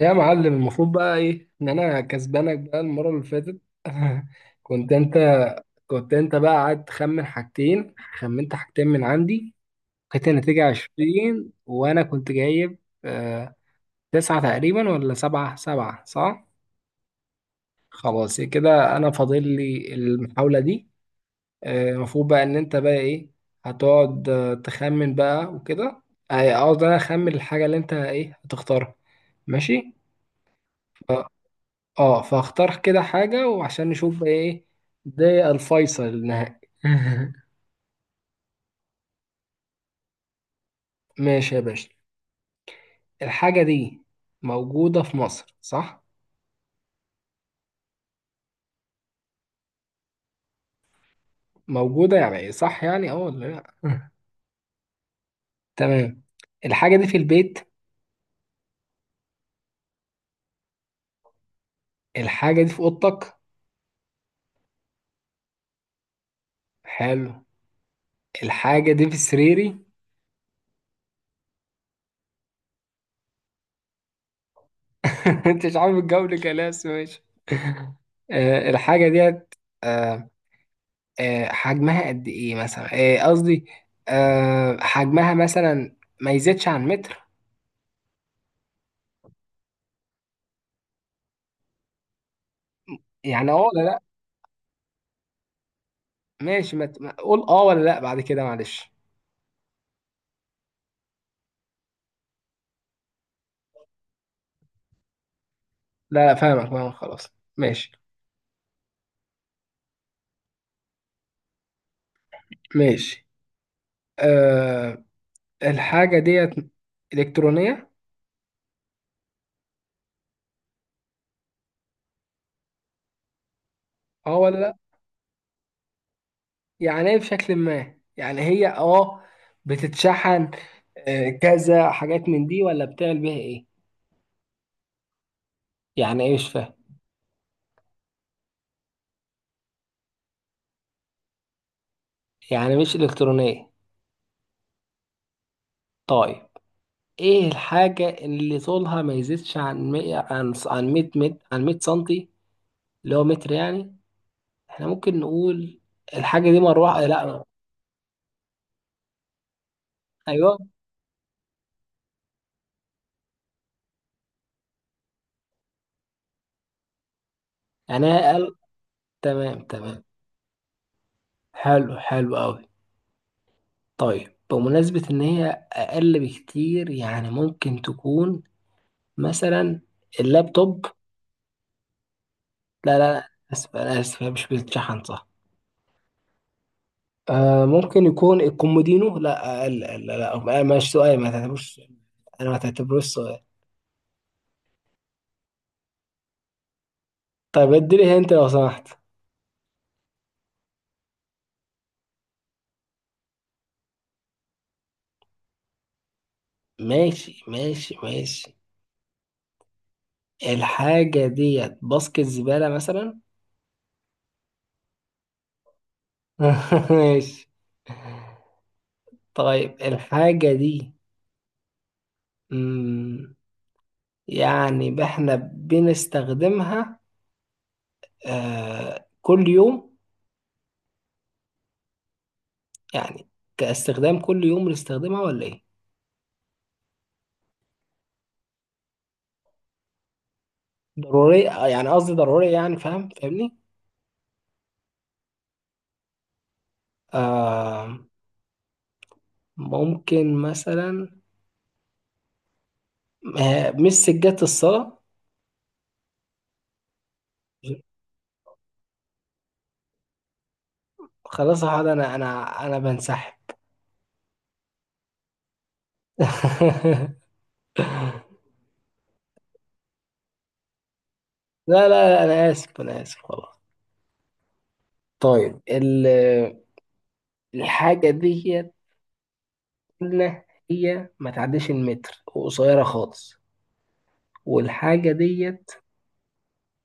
يا معلم المفروض بقى ايه ان انا كسبانك بقى المره اللي فاتت. كنت انت كنت انت بقى قاعد تخمن حاجتين، خمنت حاجتين من عندي. لقيت النتيجه 20 وانا كنت جايب آه تسعه تقريبا ولا سبعه، سبعه صح. خلاص كده انا فاضل لي المحاوله دي. المفروض بقى ان انت بقى ايه، هتقعد تخمن بقى وكده. اقعد انا اخمن الحاجه اللي انت ايه هتختارها. ماشي، اه فاختار كده حاجة وعشان نشوف بقى ايه، ده الفيصل النهائي. ماشي يا باشا. الحاجة دي موجودة في مصر صح؟ موجودة يعني ايه؟ صح يعني اه ولا لا؟ تمام. الحاجة دي في البيت. الحاجة دي في أوضتك. حلو. الحاجة دي في سريري. انت مش عارف الجو كلاس ماشي. آه الحاجة ديت. آه حجمها قد ايه مثلا؟ قصدي حجمها مثلا ما يزيدش عن متر. يعني اه ولا لا. ماشي، ما ت- ما- قول اه ولا لا بعد كده معلش. لا فاهمك، فاهمك، خلاص ماشي. ماشي. أه الحاجة ديت إلكترونية اه ولا لا؟ يعني ايه بشكل ما؟ يعني هي اه بتتشحن؟ كذا حاجات من دي ولا بتعمل بيها ايه؟ يعني ايه؟ مش فاهم. يعني مش إلكترونية. طيب ايه الحاجة اللي طولها ما يزيدش عن 100، عن 100 متر، عن 100 سنتي اللي هو متر يعني؟ احنا ممكن نقول الحاجة دي مروحة؟ لا. ايوه، انا اقل. تمام تمام. حلو، حلو قوي. طيب بمناسبة ان هي اقل بكتير، يعني ممكن تكون مثلا اللابتوب؟ لا اسف، انا اسف، هي مش بتتشحن صح. آه ممكن يكون الكومودينو؟ لا اقل، لا لا لا، مش سؤال، ما تعتبروش. انا ما تعتبروش سؤال. طيب اديني انت لو سمحت. ماشي ماشي ماشي. الحاجة ديت باسكت زبالة مثلا؟ ماشي. طيب الحاجة دي مم، يعني احنا بنستخدمها كل يوم يعني، كاستخدام كل يوم بنستخدمها ولا ايه؟ ضرورية يعني قصدي ضرورية يعني، فاهم، فاهمني؟ آه. ممكن مثلا مش سجادة الصلاة؟ خلاص يا حاج، انا بنسحب. لا لا لا، انا اسف، انا اسف خلاص. طيب الحاجة دي إن هي ما تعديش المتر وقصيرة خالص، والحاجة ديت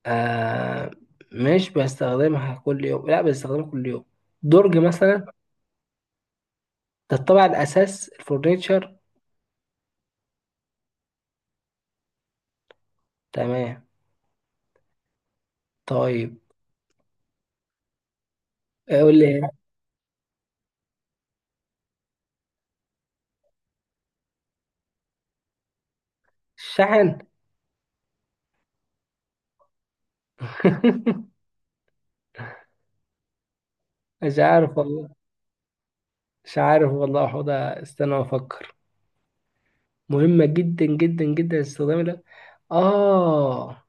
آه مش بستخدمها كل يوم، لا بستخدمها كل يوم. درج مثلا؟ ده الطابع الأساس الفurniture. تمام. طيب أقول لي. شحن؟ مش عارف والله. مش عارف والله، حوضة استنى أفكر. مهمة جدا جدا جدا الاستخدام ده؟ آه.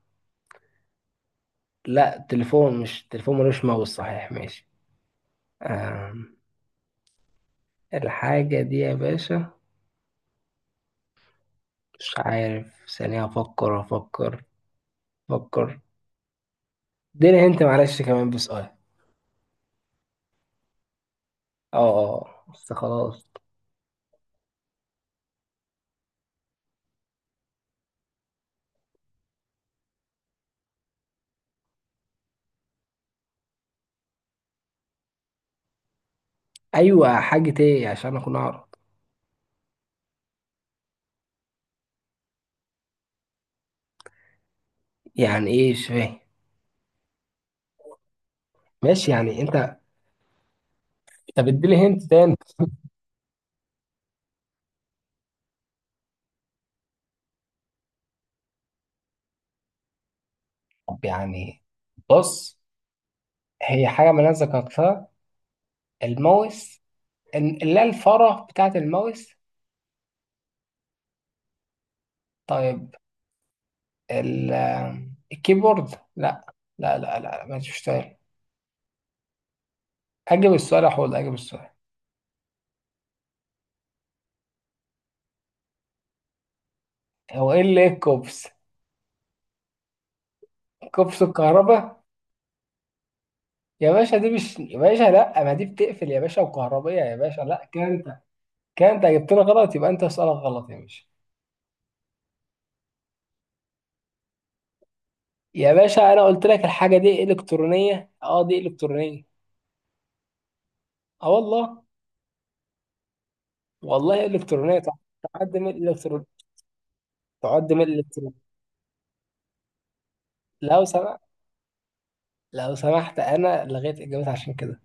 لا تليفون، مش تليفون ملوش ماوس صحيح ماشي. آه. الحاجة دي يا باشا مش عارف، ثانية أفكر أفكر أفكر. اديني أنت معلش كمان بسؤال. أه أه آه. بس خلاص. أيوة حاجة إيه عشان أكون أعرف. يعني إيه؟ مش فاهم. ماشي يعني أنت، طب اديني هنت تاني. طب يعني بص، هي حاجة ما ذكرتها، الماوس. لا الفارة بتاعة الماوس. طيب ال- الكيبورد؟ لا، لا ما تشتغل. أجب السؤال يا حوض، أجب السؤال. هو إيه اللي إيه الكوبس؟ كوبس الكهرباء؟ يا باشا دي مش يا باشا، لا ما دي بتقفل يا باشا وكهربية يا باشا، لا كده انت، كده انت جبتنا غلط، يبقى انت سؤالك غلط يا باشا. يا باشا انا قلت لك الحاجة دي الكترونية، اه دي الكترونية اه والله. والله الكترونية، تعد من الالكترون، تعد من الالكترون. لو سمحت، لو سمحت، انا لغيت اجابتي عشان كده.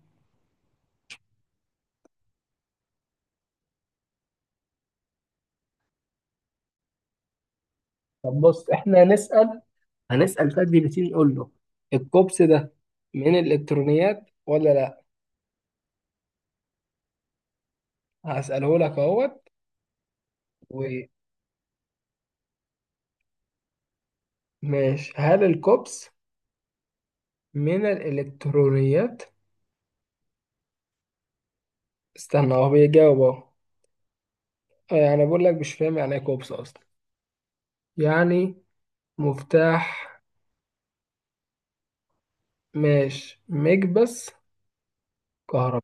طب بص احنا هنسأل، هنسأل شات جي بي تي، نقول له الكوبس ده من الالكترونيات ولا لا. هسأله لك اهوت. وماشي، هل الكوبس من الإلكترونيات؟ استنى هو بيجاوب أهو. يعني بقول لك مش فاهم يعني إيه كوبس أصلا، يعني مفتاح. ماشي، مكبس كهرباء.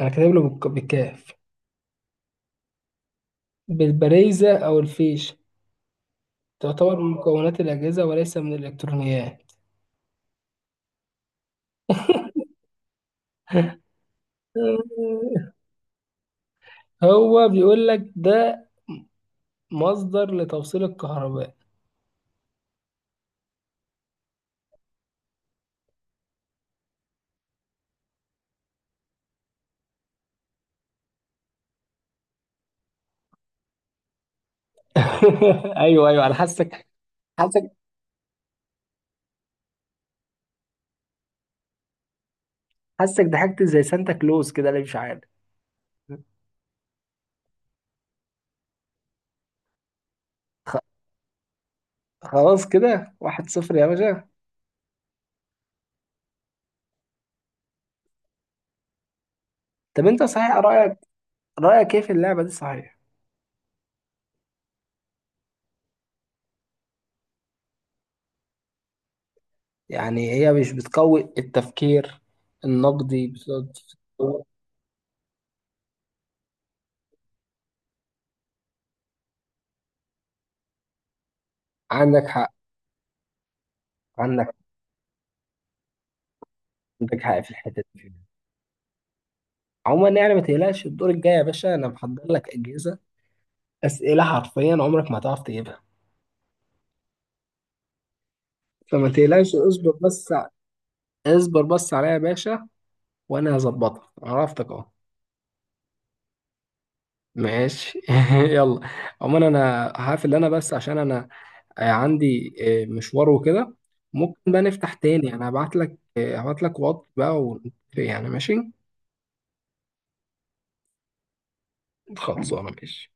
أنا كاتب له بالكاف، بالبريزة أو الفيش. تعتبر من مكونات الأجهزة وليس من الإلكترونيات. هو بيقول لك ده مصدر لتوصيل الكهرباء. ايوه ايوه انا حاسك، حاسك حاسك ضحكت زي سانتا كلوز كده اللي مش عارف. خلاص كده واحد صفر يا باشا. طب انت صحيح رأيك، رأيك ايه في اللعبة دي صحيح؟ يعني هي مش بتقوي التفكير النقدي عندك حق، عندك عندك حق في الحتة دي. عموما يعني ما تقلقش الدور الجاي يا باشا، انا محضر لك أجهزة أسئلة حرفيا عمرك ما هتعرف تجيبها. فما تقلقش، اصبر بس اصبر بس عليا يا باشا، وانا هظبطها عرفتك اهو. ماشي. يلا. عموما انا هقفل انا بس عشان انا عندي مشوار وكده. ممكن بقى نفتح تاني، انا هبعت لك هبعت لك واتس بقى يعني ماشي. خلصانه ماشي.